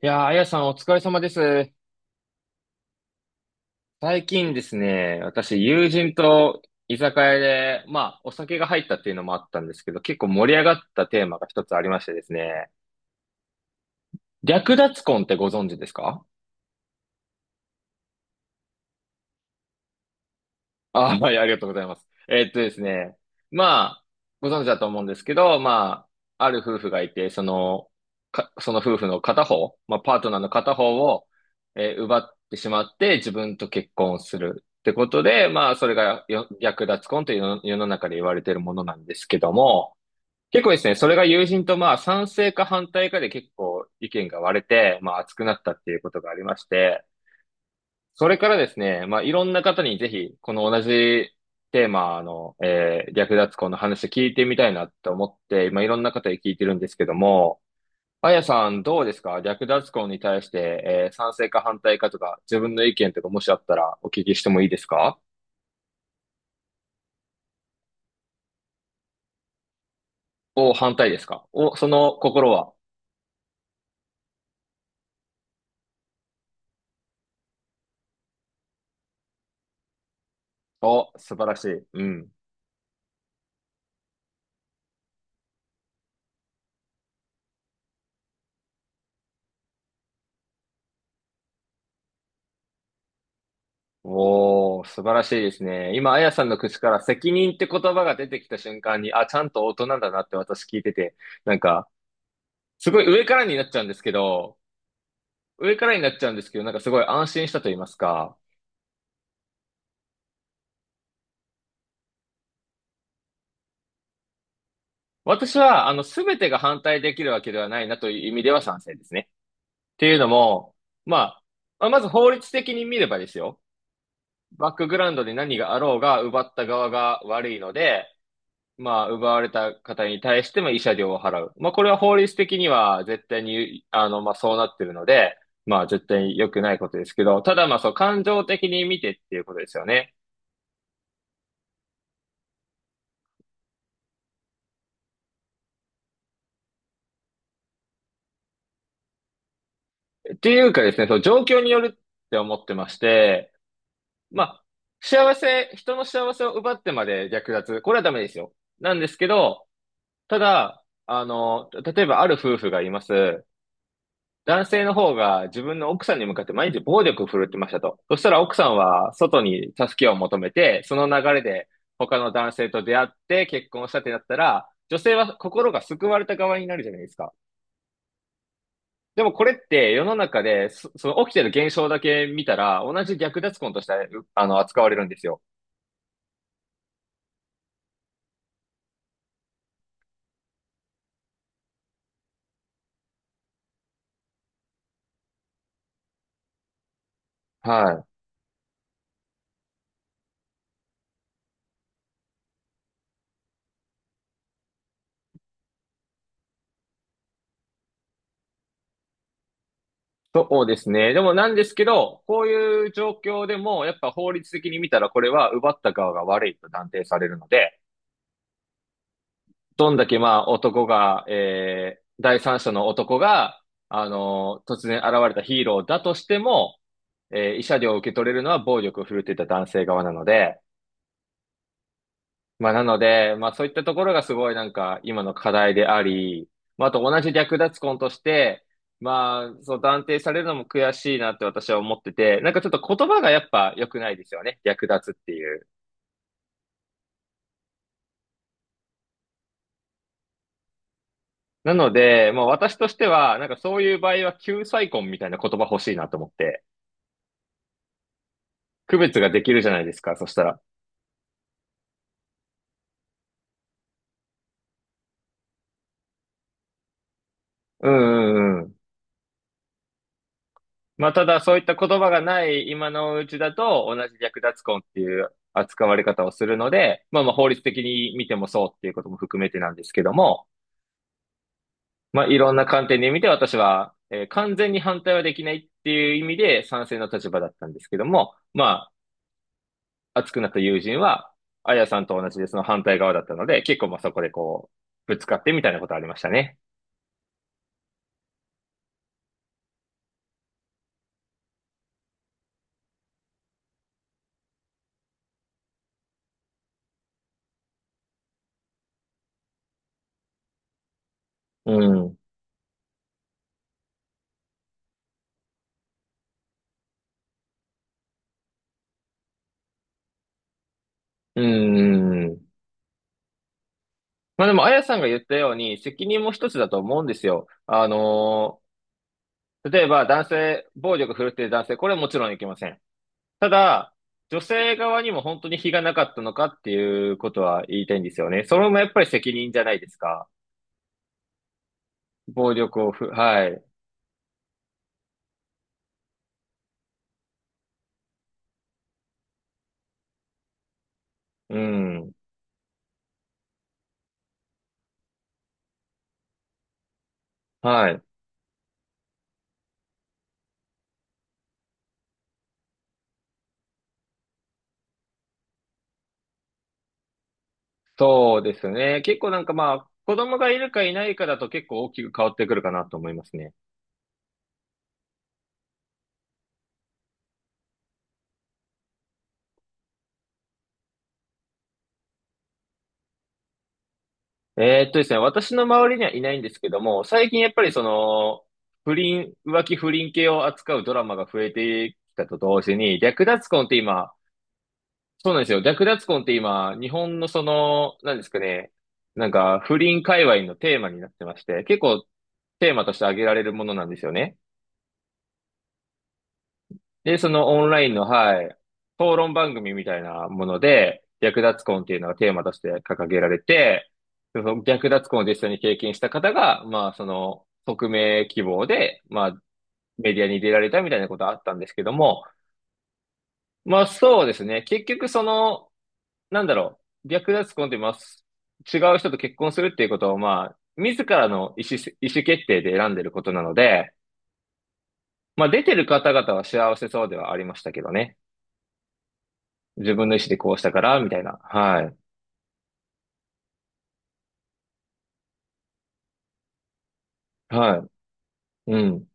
いやー、あやさんお疲れ様です。最近ですね、私友人と居酒屋で、まあお酒が入ったっていうのもあったんですけど、結構盛り上がったテーマが一つありましてですね、略奪婚ってご存知ですか？あ、はい、ありがとうございます。ですね。まあ、ご存知だと思うんですけど、まあ、ある夫婦がいて、その夫婦の片方、まあ、パートナーの片方を、奪ってしまって、自分と結婚するってことで、まあ、それが略奪婚というの世の中で言われているものなんですけども、結構ですね、それが友人とまあ、賛成か反対かで結構意見が割れて、まあ、熱くなったっていうことがありまして、それからですね、まあ、いろんな方にぜひ、この同じテーマの、略奪婚の話聞いてみたいなと思って、今いろんな方に聞いてるんですけども、あやさんどうですか？略奪婚に対して、賛成か反対かとか、自分の意見とかもしあったらお聞きしてもいいですか？お、反対ですか？お、その心は？お、素晴らしい。うん。おー、素晴らしいですね。今、あやさんの口から責任って言葉が出てきた瞬間に、あ、ちゃんと大人だなって私聞いてて、なんか、すごい上からになっちゃうんですけど、上からになっちゃうんですけど、なんかすごい安心したと言いますか、私は、すべてが反対できるわけではないなという意味では賛成ですね。っていうのも、まあ、まあまず法律的に見ればですよ。バックグラウンドで何があろうが、奪った側が悪いので、まあ、奪われた方に対しても慰謝料を払う。まあ、これは法律的には絶対に、まあ、そうなってるので、まあ、絶対に良くないことですけど、ただまあ、そう、感情的に見てっていうことですよね。っていうかですね、その状況によるって思ってまして、まあ、人の幸せを奪ってまで略奪、これはダメですよ。なんですけど、ただ、例えばある夫婦がいます。男性の方が自分の奥さんに向かって毎日暴力を振るってましたと。そしたら奥さんは外に助けを求めて、その流れで他の男性と出会って結婚したってなったら、女性は心が救われた側になるじゃないですか。でもこれって世の中でその起きてる現象だけ見たら、同じ略奪婚としてうあの扱われるんですよ。はい。そうですね。でもなんですけど、こういう状況でも、やっぱ法律的に見たら、これは奪った側が悪いと断定されるので、どんだけまあ男が、えー、第三者の男が、あの突然現れたヒーローだとしても、慰謝料を受け取れるのは暴力を振るっていた男性側なので、まあ、なので、まあ、そういったところがすごいなんか、今の課題であり、まあ、あと同じ略奪婚として、まあ、そう断定されるのも悔しいなって私は思ってて、なんかちょっと言葉がやっぱ良くないですよね。略奪っていう。なので、まあ、私としては、なんかそういう場合は救済婚みたいな言葉欲しいなと思って、区別ができるじゃないですか、そしたら。うんうんうん。まあ、ただそういった言葉がない今のうちだと同じ略奪婚っていう扱われ方をするので、まあまあ法律的に見てもそうっていうことも含めてなんですけども、まあいろんな観点で見て私は、完全に反対はできないっていう意味で賛成の立場だったんですけども、まあ熱くなった友人は、あやさんと同じでその反対側だったので、結構まあそこでこう、ぶつかってみたいなことありましたね。うん。うーん。まあでも、あやさんが言ったように、責任も一つだと思うんですよ。例えば男性、暴力振るっている男性、これはもちろんいけません。ただ、女性側にも本当に非がなかったのかっていうことは言いたいんですよね。それもやっぱり責任じゃないですか。暴力をふ、はい。うん。はい。そうですね。結構なんかまあ、子供がいるかいないかだと結構大きく変わってくるかなと思いますね。ですね、私の周りにはいないんですけども、最近やっぱり浮気不倫系を扱うドラマが増えてきたと同時に、略奪婚って今、そうなんですよ。略奪婚って今、日本のその、なんですかね、なんか不倫界隈のテーマになってまして、結構テーマとして挙げられるものなんですよね。で、そのオンラインの、はい、討論番組みたいなもので、略奪婚っていうのがテーマとして掲げられて、その略奪婚を実際に経験した方が、まあ、匿名希望で、まあ、メディアに出られたみたいなことはあったんですけども、まあそうですね。結局その、なんだろう、略奪婚ってます。違う人と結婚するっていうことを、まあ、自らの意思決定で選んでることなので、まあ、出てる方々は幸せそうではありましたけどね。自分の意思でこうしたから、みたいな。はい。はい。うん。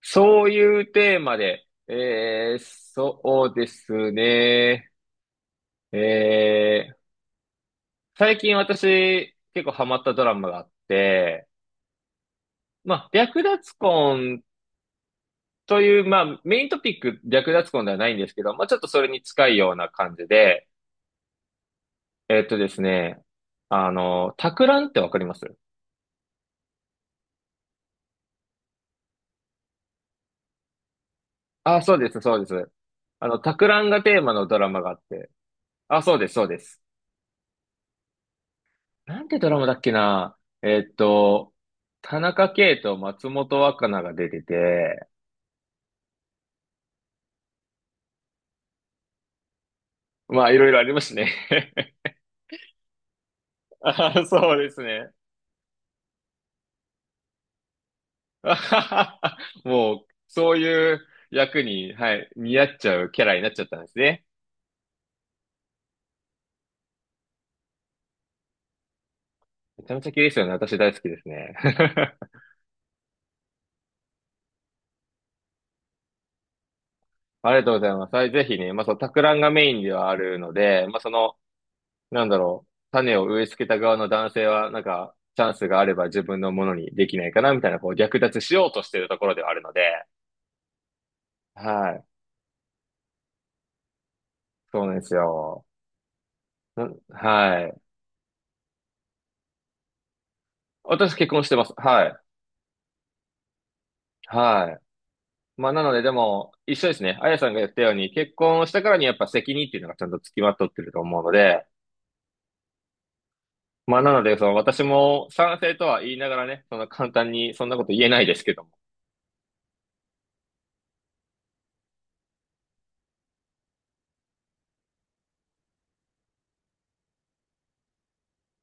そういうテーマで、そうですね。えー、最近私、結構ハマったドラマがあって、まあ、略奪婚という、まあ、メイントピック略奪婚ではないんですけど、まあ、ちょっとそれに近いような感じで、ですね、タクランってわかります？あ、そうです、そうです。タクランがテーマのドラマがあって、あ、そうです、そうです。なんてドラマだっけな？えっと、田中圭と松本若菜が出てて、まあ、いろいろありますね。あ、そうですね。あははは、もう、そういう役に、はい、似合っちゃうキャラになっちゃったんですね。めちゃめちゃ綺麗ですよね。私大好きですね。ありがとうございます。はい、ぜひね、まあ、その、たくんがメインではあるので、まあ、その、なんだろう、種を植え付けた側の男性は、なんか、チャンスがあれば自分のものにできないかな、みたいな、こう、略奪しようとしているところではあるので、はい。そうなんですよ。んはい。私結婚してます。はい。はい。まあ、なので、でも、一緒ですね。あやさんが言ったように、結婚したからにやっぱ責任っていうのがちゃんと付きまとってると思うので、まあ、なので、その私も賛成とは言いながらね、その簡単にそんなこと言えないですけども。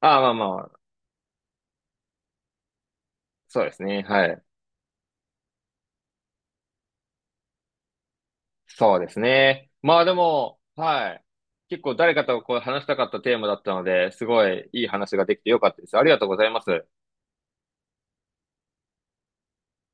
ああ、まあまあ、そうですね。はい。そうですね。まあでも、はい。結構誰かとこう話したかったテーマだったので、すごいいい話ができてよかったです。ありがとうございます。